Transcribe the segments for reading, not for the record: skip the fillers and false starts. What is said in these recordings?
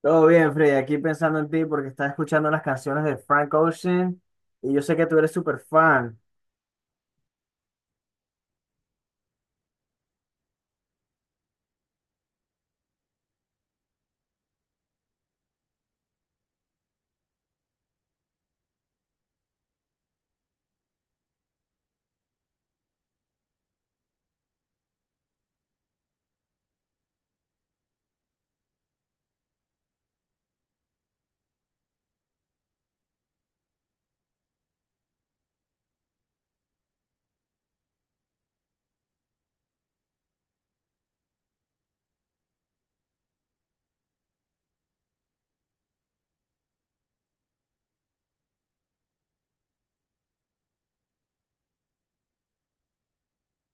Todo bien, Freddy. Aquí pensando en ti porque estaba escuchando las canciones de Frank Ocean y yo sé que tú eres súper fan.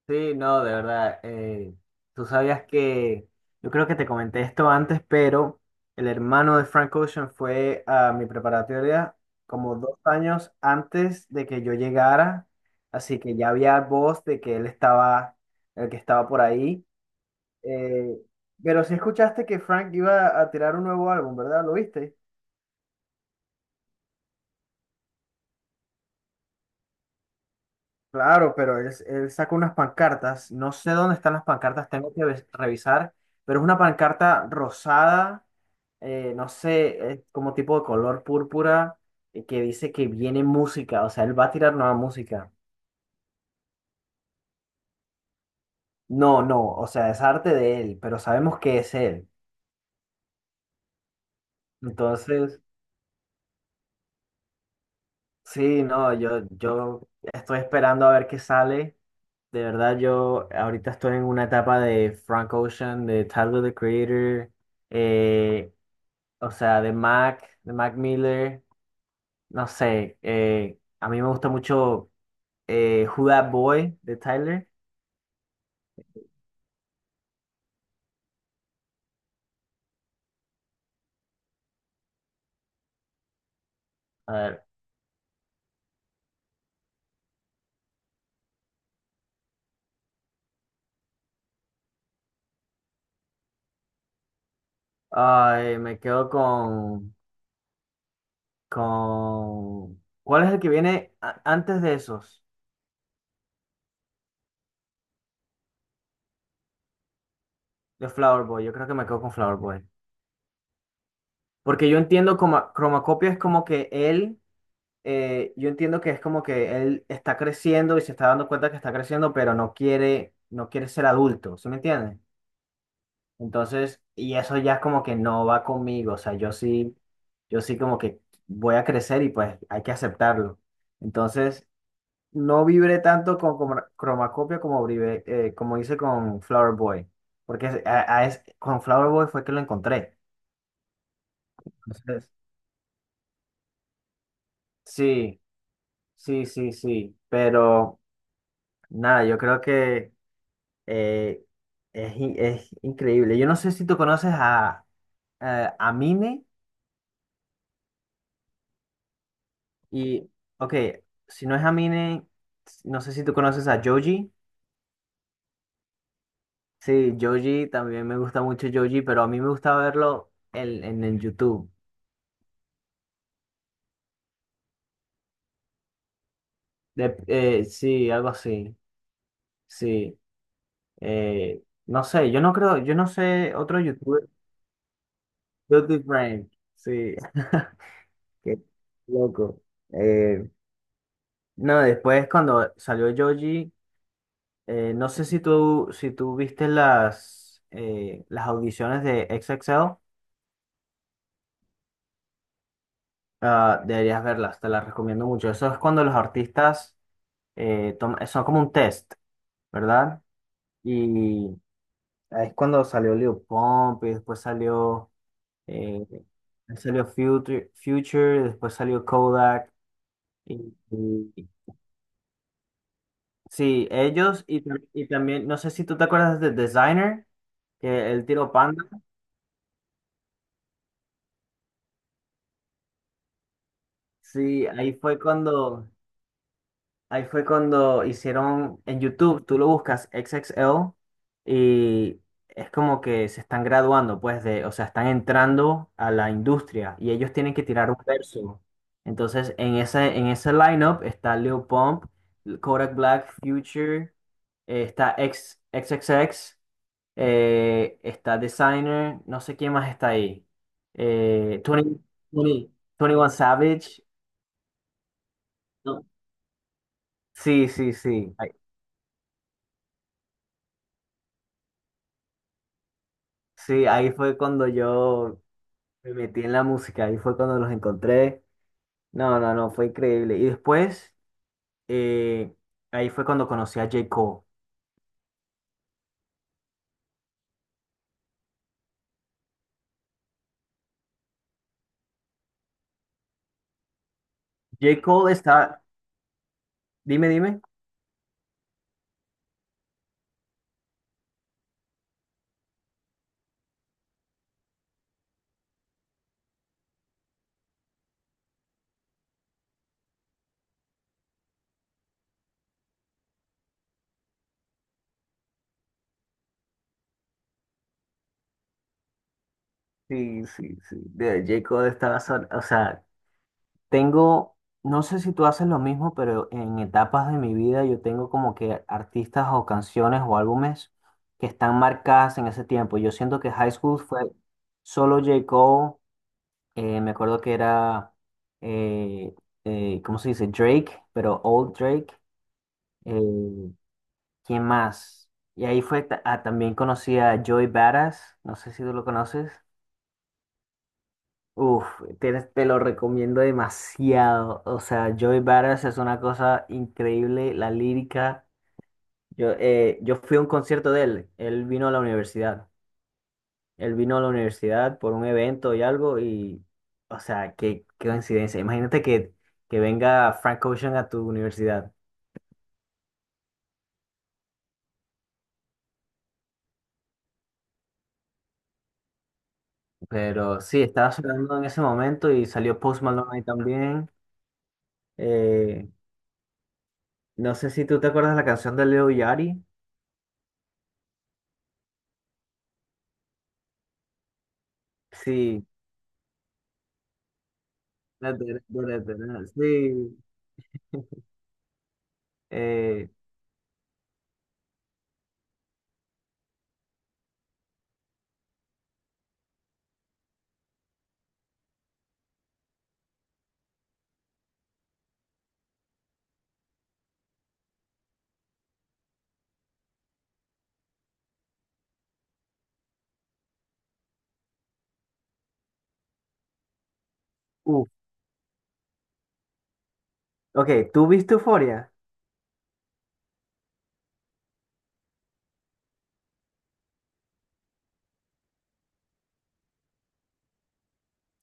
Sí, no, de verdad. Tú sabías que, yo creo que te comenté esto antes, pero el hermano de Frank Ocean fue a mi preparatoria como 2 años antes de que yo llegara, así que ya había voz de que él estaba, el que estaba por ahí. Eh, pero sí escuchaste que Frank iba a tirar un nuevo álbum, ¿verdad? ¿Lo viste? Claro, pero él sacó unas pancartas. No sé dónde están las pancartas, tengo que revisar, pero es una pancarta rosada, no sé, es como tipo de color púrpura, y que dice que viene música, o sea, él va a tirar nueva música. No, no, o sea, es arte de él, pero sabemos que es él. Entonces, sí, no, yo estoy esperando a ver qué sale. De verdad, yo ahorita estoy en una etapa de Frank Ocean, de Tyler, the Creator. eh, o sea, de Mac Miller, no sé, a mí me gusta mucho Who That Boy de Tyler. A ver, ay, me quedo con, ¿cuál es el que viene antes de esos? De Flower Boy, yo creo que me quedo con Flower Boy. Porque yo entiendo como Cromacopia es como que él, yo entiendo que es como que él está creciendo y se está dando cuenta que está creciendo, pero no quiere, no quiere ser adulto, ¿sí me entiendes? Entonces, y eso ya es como que no va conmigo, o sea, yo sí, yo sí como que voy a crecer y pues hay que aceptarlo. Entonces, no vibré tanto con, Chromacopia como, vibré, como hice con Flower Boy, porque con Flower Boy fue que lo encontré. Entonces, sí, sí, sí, sí, pero nada, yo creo que eh, es, es increíble. Yo no sé si tú conoces a Mine. Y, ok, si no es Amine, no sé si tú conoces a Joji. Sí, Joji, también me gusta mucho Joji, pero a mí me gusta verlo en, el YouTube. Sí, algo así. Sí. Eh, no sé, yo no creo, yo no sé otro youtuber. Guilty Frank. Sí. Qué loco. Eh, no, después cuando salió Joji, no sé si tú viste las audiciones de XXL. Ah, deberías verlas, te las recomiendo mucho. Eso es cuando los artistas son como un test, ¿verdad? Y ahí es cuando salió Lil Pump, y después eh, salió Future, después salió Kodak. Y, y- sí, ellos y, y también, no sé si tú te acuerdas de Designer, que el tiro Panda. Sí, ahí fue cuando hicieron en YouTube, tú lo buscas X X L y es como que se están graduando, pues, o sea, están entrando a la industria y ellos tienen que tirar un verso. Entonces, en ese lineup está Lil Pump, Kodak Black, Future, está XXX, está Designer, no sé quién más está ahí. Eh, 20, 20, 21 Savage. ¿No? Sí, sí, sí. Sí, ahí fue cuando yo me metí en la música, ahí fue cuando los encontré. No, no, no, fue increíble. Y después, eh, ahí fue cuando conocí a J. Cole. J. Cole está, dime, dime. Sí, sí, sí. J. Cole estaba, o sea, tengo, no sé si tú haces lo mismo, pero en etapas de mi vida yo tengo como que artistas o canciones o álbumes que están marcadas en ese tiempo. Yo siento que High School fue solo J. Cole. Me acuerdo que era, eh, ¿cómo se dice? Drake, pero Old Drake. Eh, ¿Quién más? Y ahí fue, también conocí a Joey Badass, no sé si tú lo conoces. Uf, lo recomiendo demasiado. O sea, Joey Badass es una cosa increíble, la lírica. Yo fui a un concierto de él, él vino a la universidad. Él vino a la universidad por un evento y algo y, o sea, qué coincidencia. Imagínate que venga Frank Ocean a tu universidad. Pero sí, estaba sonando en ese momento y salió Post Malone ahí también. Eh, no sé si tú te acuerdas de la canción de Leo Yachty. Sí. la de- Sí. Eh, Uf. Ok, ¿tú viste Euphoria?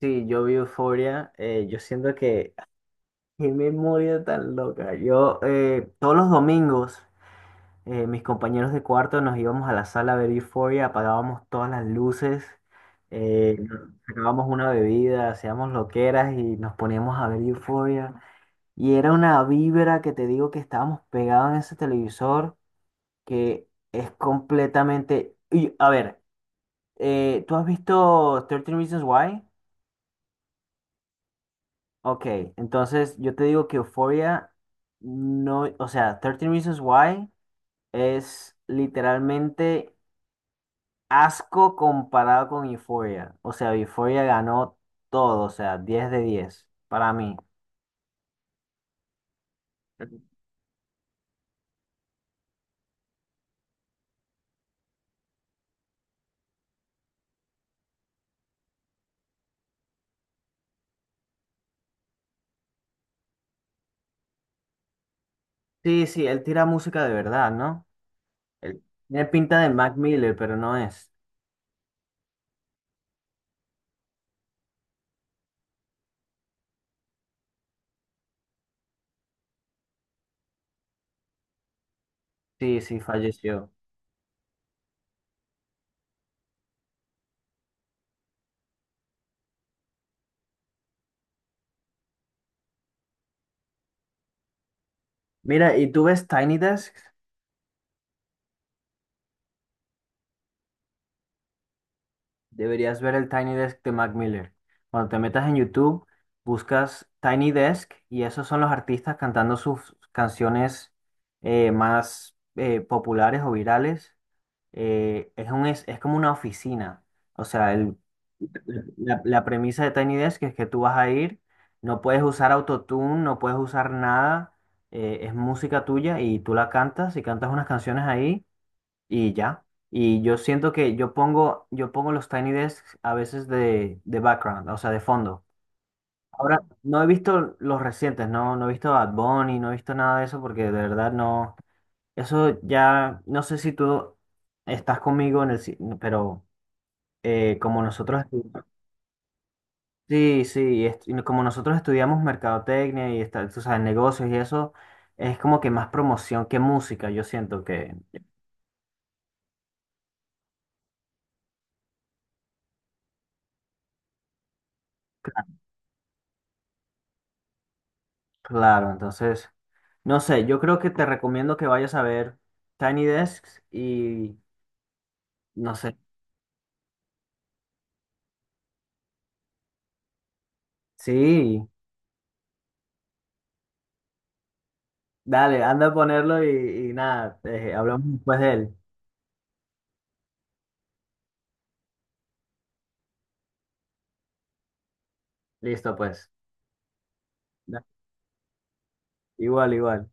Sí, yo vi Euphoria. Yo siento que. ¡Qué memoria tan loca! Yo todos los domingos, mis compañeros de cuarto nos íbamos a la sala a ver Euphoria, apagábamos todas las luces, eh, sacábamos una bebida, hacíamos loqueras y nos poníamos a ver Euphoria. Y era una vibra que te digo que estábamos pegados en ese televisor que es completamente. Y, a ver, ¿tú has visto 13 Reasons Why? Ok, entonces yo te digo que Euphoria no. O sea, 13 Reasons Why es literalmente asco comparado con Euphoria. O sea, Euphoria ganó todo, o sea, 10 de 10 para mí. Sí, sí, él tira música de verdad, ¿no? Él tiene pinta de Mac Miller, pero no es. Sí, sí, falleció. Mira, ¿y tú ves Tiny Desk? Deberías ver el Tiny Desk de Mac Miller. Cuando te metas en YouTube, buscas Tiny Desk y esos son los artistas cantando sus canciones más populares o virales. Es como una oficina. O sea, la premisa de Tiny Desk es que tú vas a ir, no puedes usar autotune, no puedes usar nada, es música tuya y tú la cantas y cantas unas canciones ahí y ya. Y yo siento que yo pongo los Tiny Desks a veces de background, o sea, de fondo. Ahora, no he visto los recientes, no he visto Bad Bunny, no he visto nada de eso porque de verdad no. Eso ya, no sé si tú estás conmigo pero como nosotros, sí, sí, y como nosotros estudiamos mercadotecnia y está, tú sabes, negocios y eso, es como que más promoción que música, yo siento que, claro, entonces, no sé, yo creo que te recomiendo que vayas a ver Tiny Desks y, no sé, sí, dale, anda a ponerlo y, nada, hablamos después de él. Listo, pues. Da- Igual, igual.